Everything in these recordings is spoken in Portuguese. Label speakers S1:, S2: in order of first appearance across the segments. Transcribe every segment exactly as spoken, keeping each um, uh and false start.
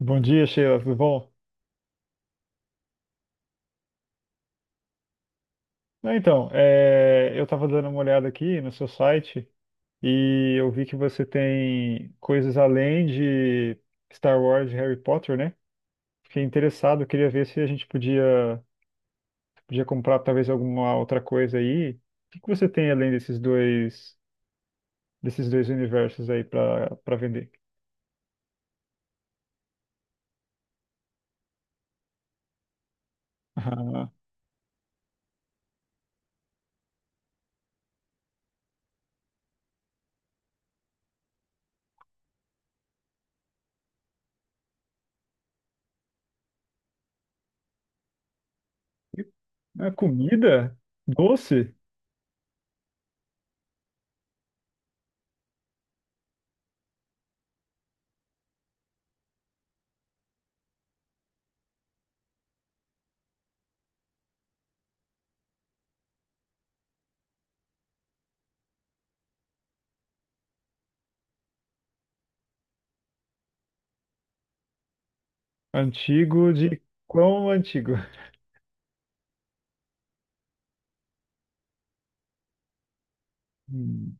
S1: Bom dia, Sheila, tudo bom? Não, Então, é, eu estava dando uma olhada aqui no seu site e eu vi que você tem coisas além de Star Wars e Harry Potter, né? Fiquei interessado, queria ver se a gente podia, podia comprar talvez alguma outra coisa aí. O que que você tem além desses dois, desses dois universos aí para para vender? Ah, é comida? Doce? Antigo de quão antigo? Hum.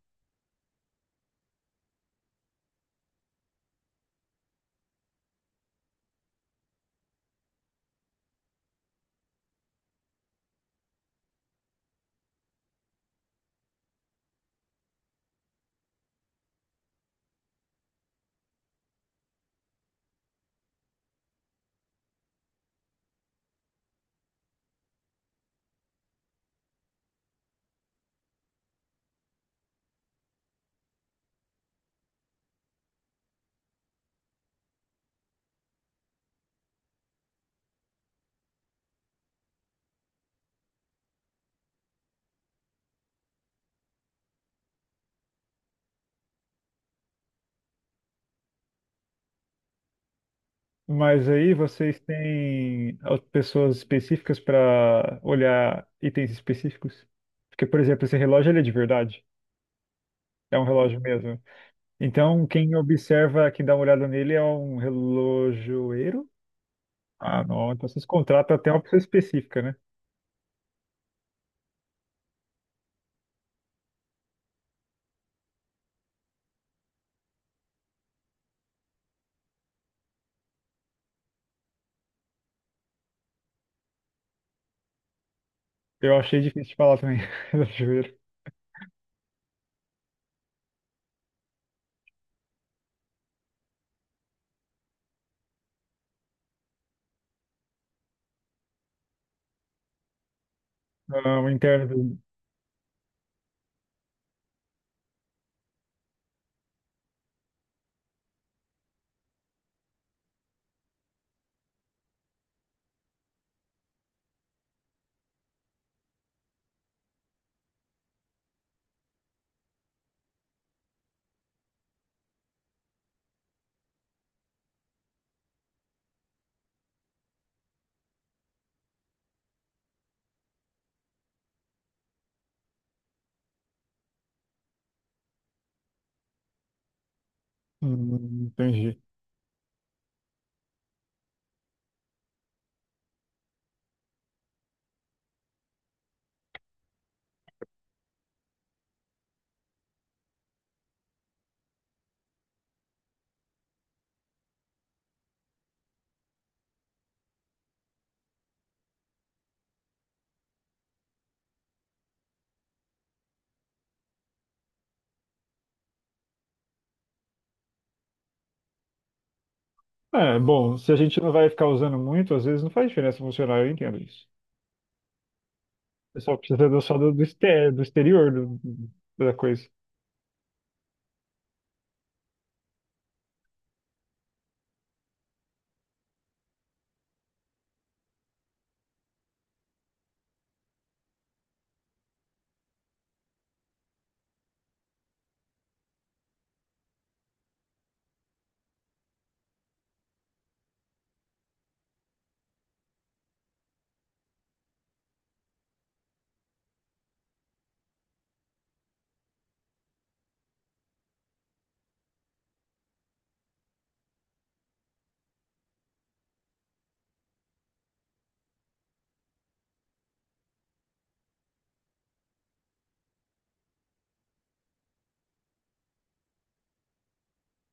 S1: Mas aí vocês têm as pessoas específicas para olhar itens específicos? Porque, por exemplo, esse relógio ele é de verdade, é um relógio mesmo. Então, quem observa, quem dá uma olhada nele é um relojoeiro? Ah, não, então vocês contratam até uma pessoa específica, né? Eu achei difícil de falar também, relojoeiro. Ah, o interno do... Hum, entendi. É, bom, se a gente não vai ficar usando muito, às vezes não faz diferença funcionar, eu entendo isso. O pessoal precisa só do, do, exter, do exterior do- da coisa.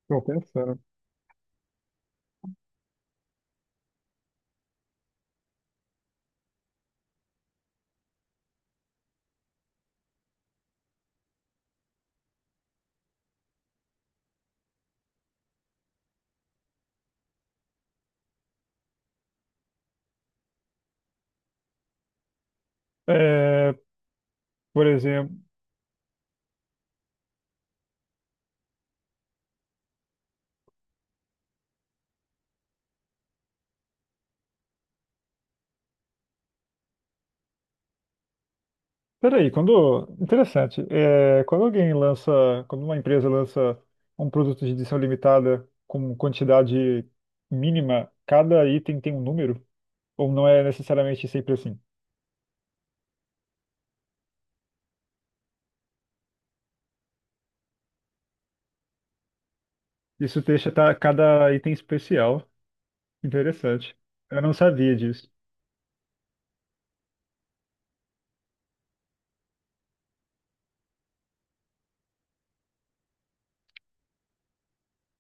S1: Estou pensando. É, por exemplo. Peraí, quando. Interessante. É, quando alguém lança. Quando uma empresa lança um produto de edição limitada com quantidade mínima, cada item tem um número? Ou não é necessariamente sempre assim? Isso deixa ta- cada item especial. Interessante. Eu não sabia disso.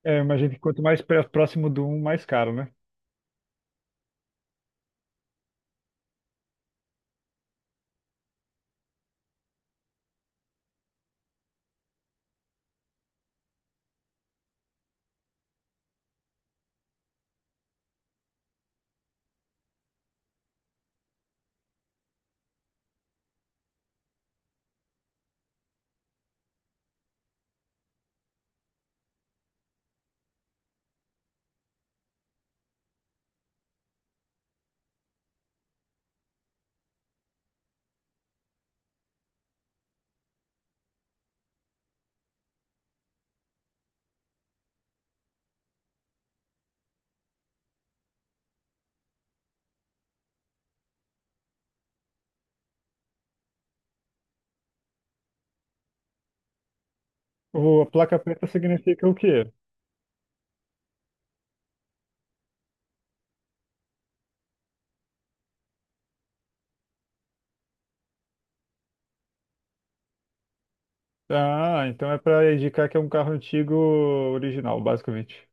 S1: É, imagino que quanto mais pré- próximo do um, mais caro, né? O, a placa preta significa o quê? Ah, então é pra indicar que é um carro antigo original, basicamente.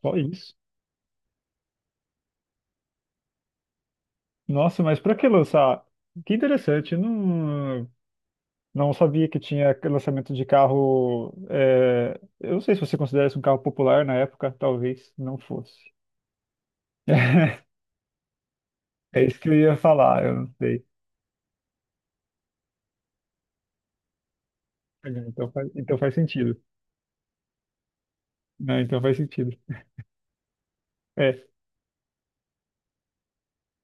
S1: Só isso. Nossa, mas pra que lançar? Que interessante. Não, não sabia que tinha lançamento de carro. é, Eu não sei se você considera isso um carro popular na época, talvez não fosse. É isso que eu ia falar, eu não sei. Então faz, então faz sentido. Né? Então faz sentido. É,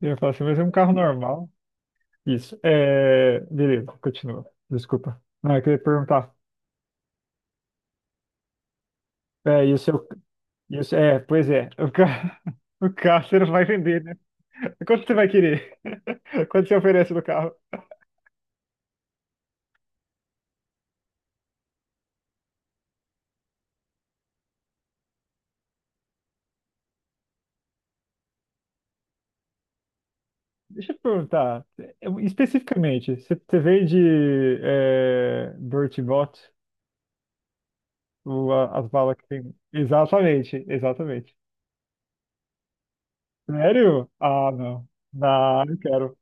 S1: eu ia falar assim, mas é um carro normal. Isso. É, beleza, continua. Desculpa. Não, eu queria perguntar. É, e o seu. Isso, é, pois é. O, ca... o carro você não vai vender, né? Quanto você vai querer? Quanto você oferece no carro? Deixa eu te perguntar, eu- especificamente, você você vende é, Bird Bot, o- a- as balas que tem? Exatamente, exatamente. Sério? Ah, não. Não, não quero.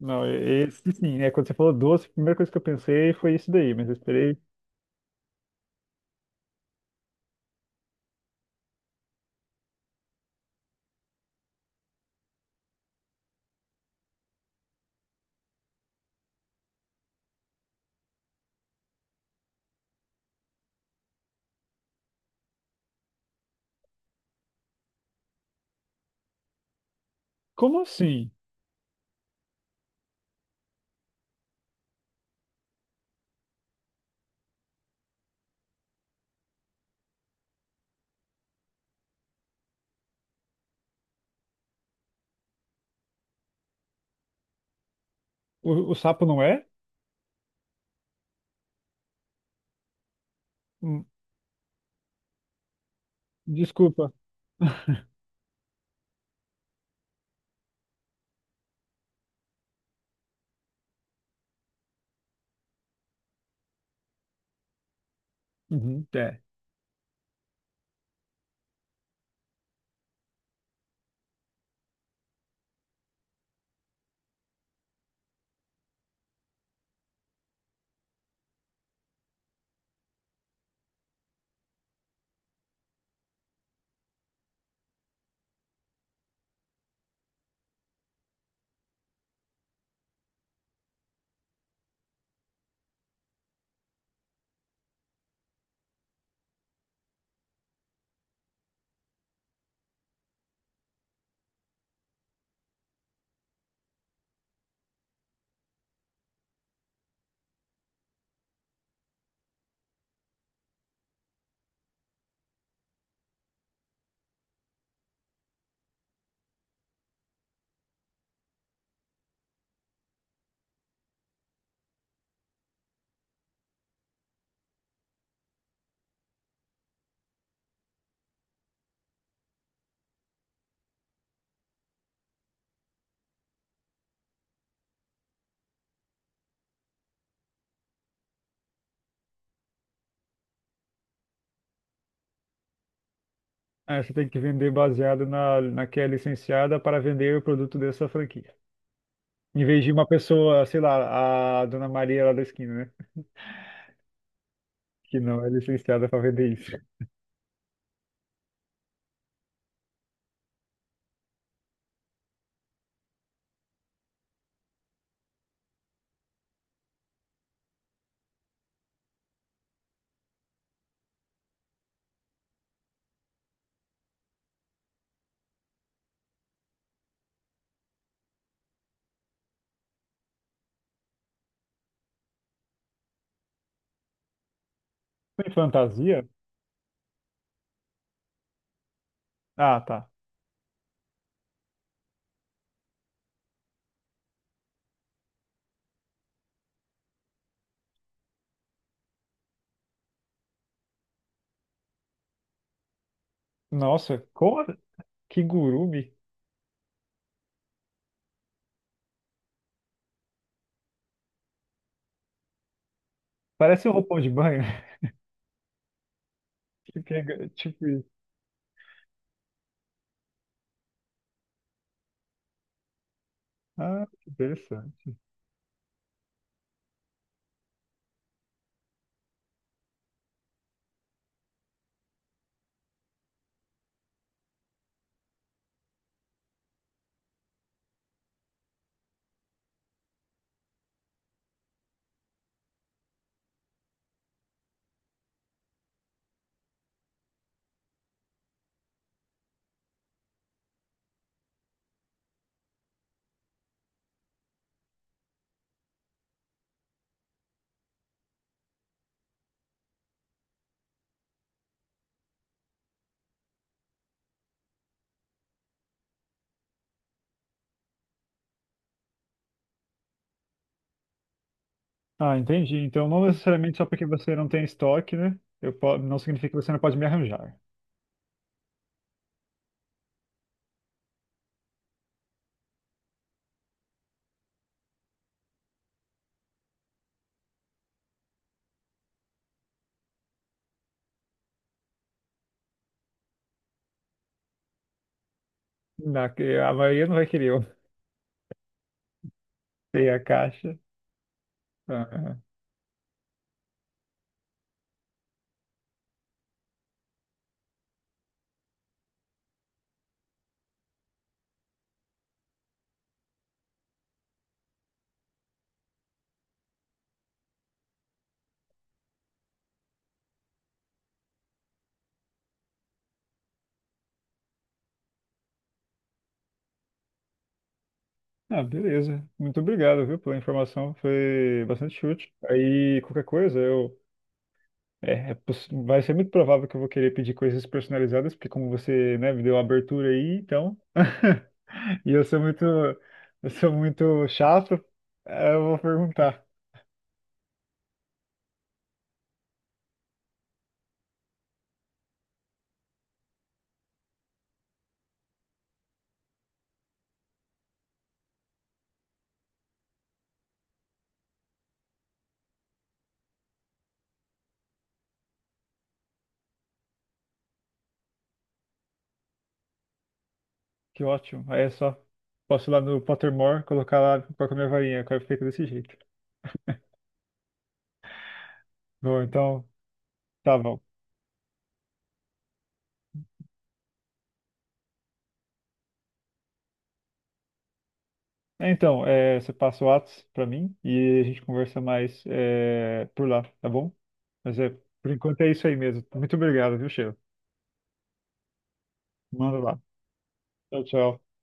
S1: Não, e- Esse sim, né? Quando você falou doce, a primeira coisa que eu pensei foi isso daí, mas eu esperei. Como assim? O, o sapo não é? Hum, Desculpa. Uhum, é. É, você tem que vender baseado na, na que é licenciada para vender o produto dessa franquia. Em vez de uma pessoa, sei lá, a Dona Maria lá da esquina, né? Que não é licenciada para vender isso. Tem fantasia? Ah, tá. Nossa, como? Que gurumi. Parece um roupão de banho. Que pega- Tipo isso. Ah, que interessante. Ah, entendi. Então, não necessariamente só porque você não tem estoque, né? Eu po- Não significa que você não pode me arranjar. Na... A maioria não vai querer eu ter a caixa. Ah, Ah, beleza. Muito obrigado, viu, pela informação. Foi bastante útil. Aí, qualquer coisa, eu. É, é poss- vai ser muito provável que eu vou querer pedir coisas personalizadas, porque como você, né, me deu a abertura aí, então. E eu sou muito. Eu sou muito chato. Aí eu vou perguntar. Que ótimo. Aí é só. Posso ir lá no Pottermore, colocar lá com a minha varinha, que fica desse jeito. Bom, então, tá bom. É, Então, é, você passa o Whats pra mim e a gente conversa mais é, por lá, tá bom? Mas é, por enquanto é isso aí mesmo. Muito obrigado, viu, Sheila? Manda lá. Tchau, tchau.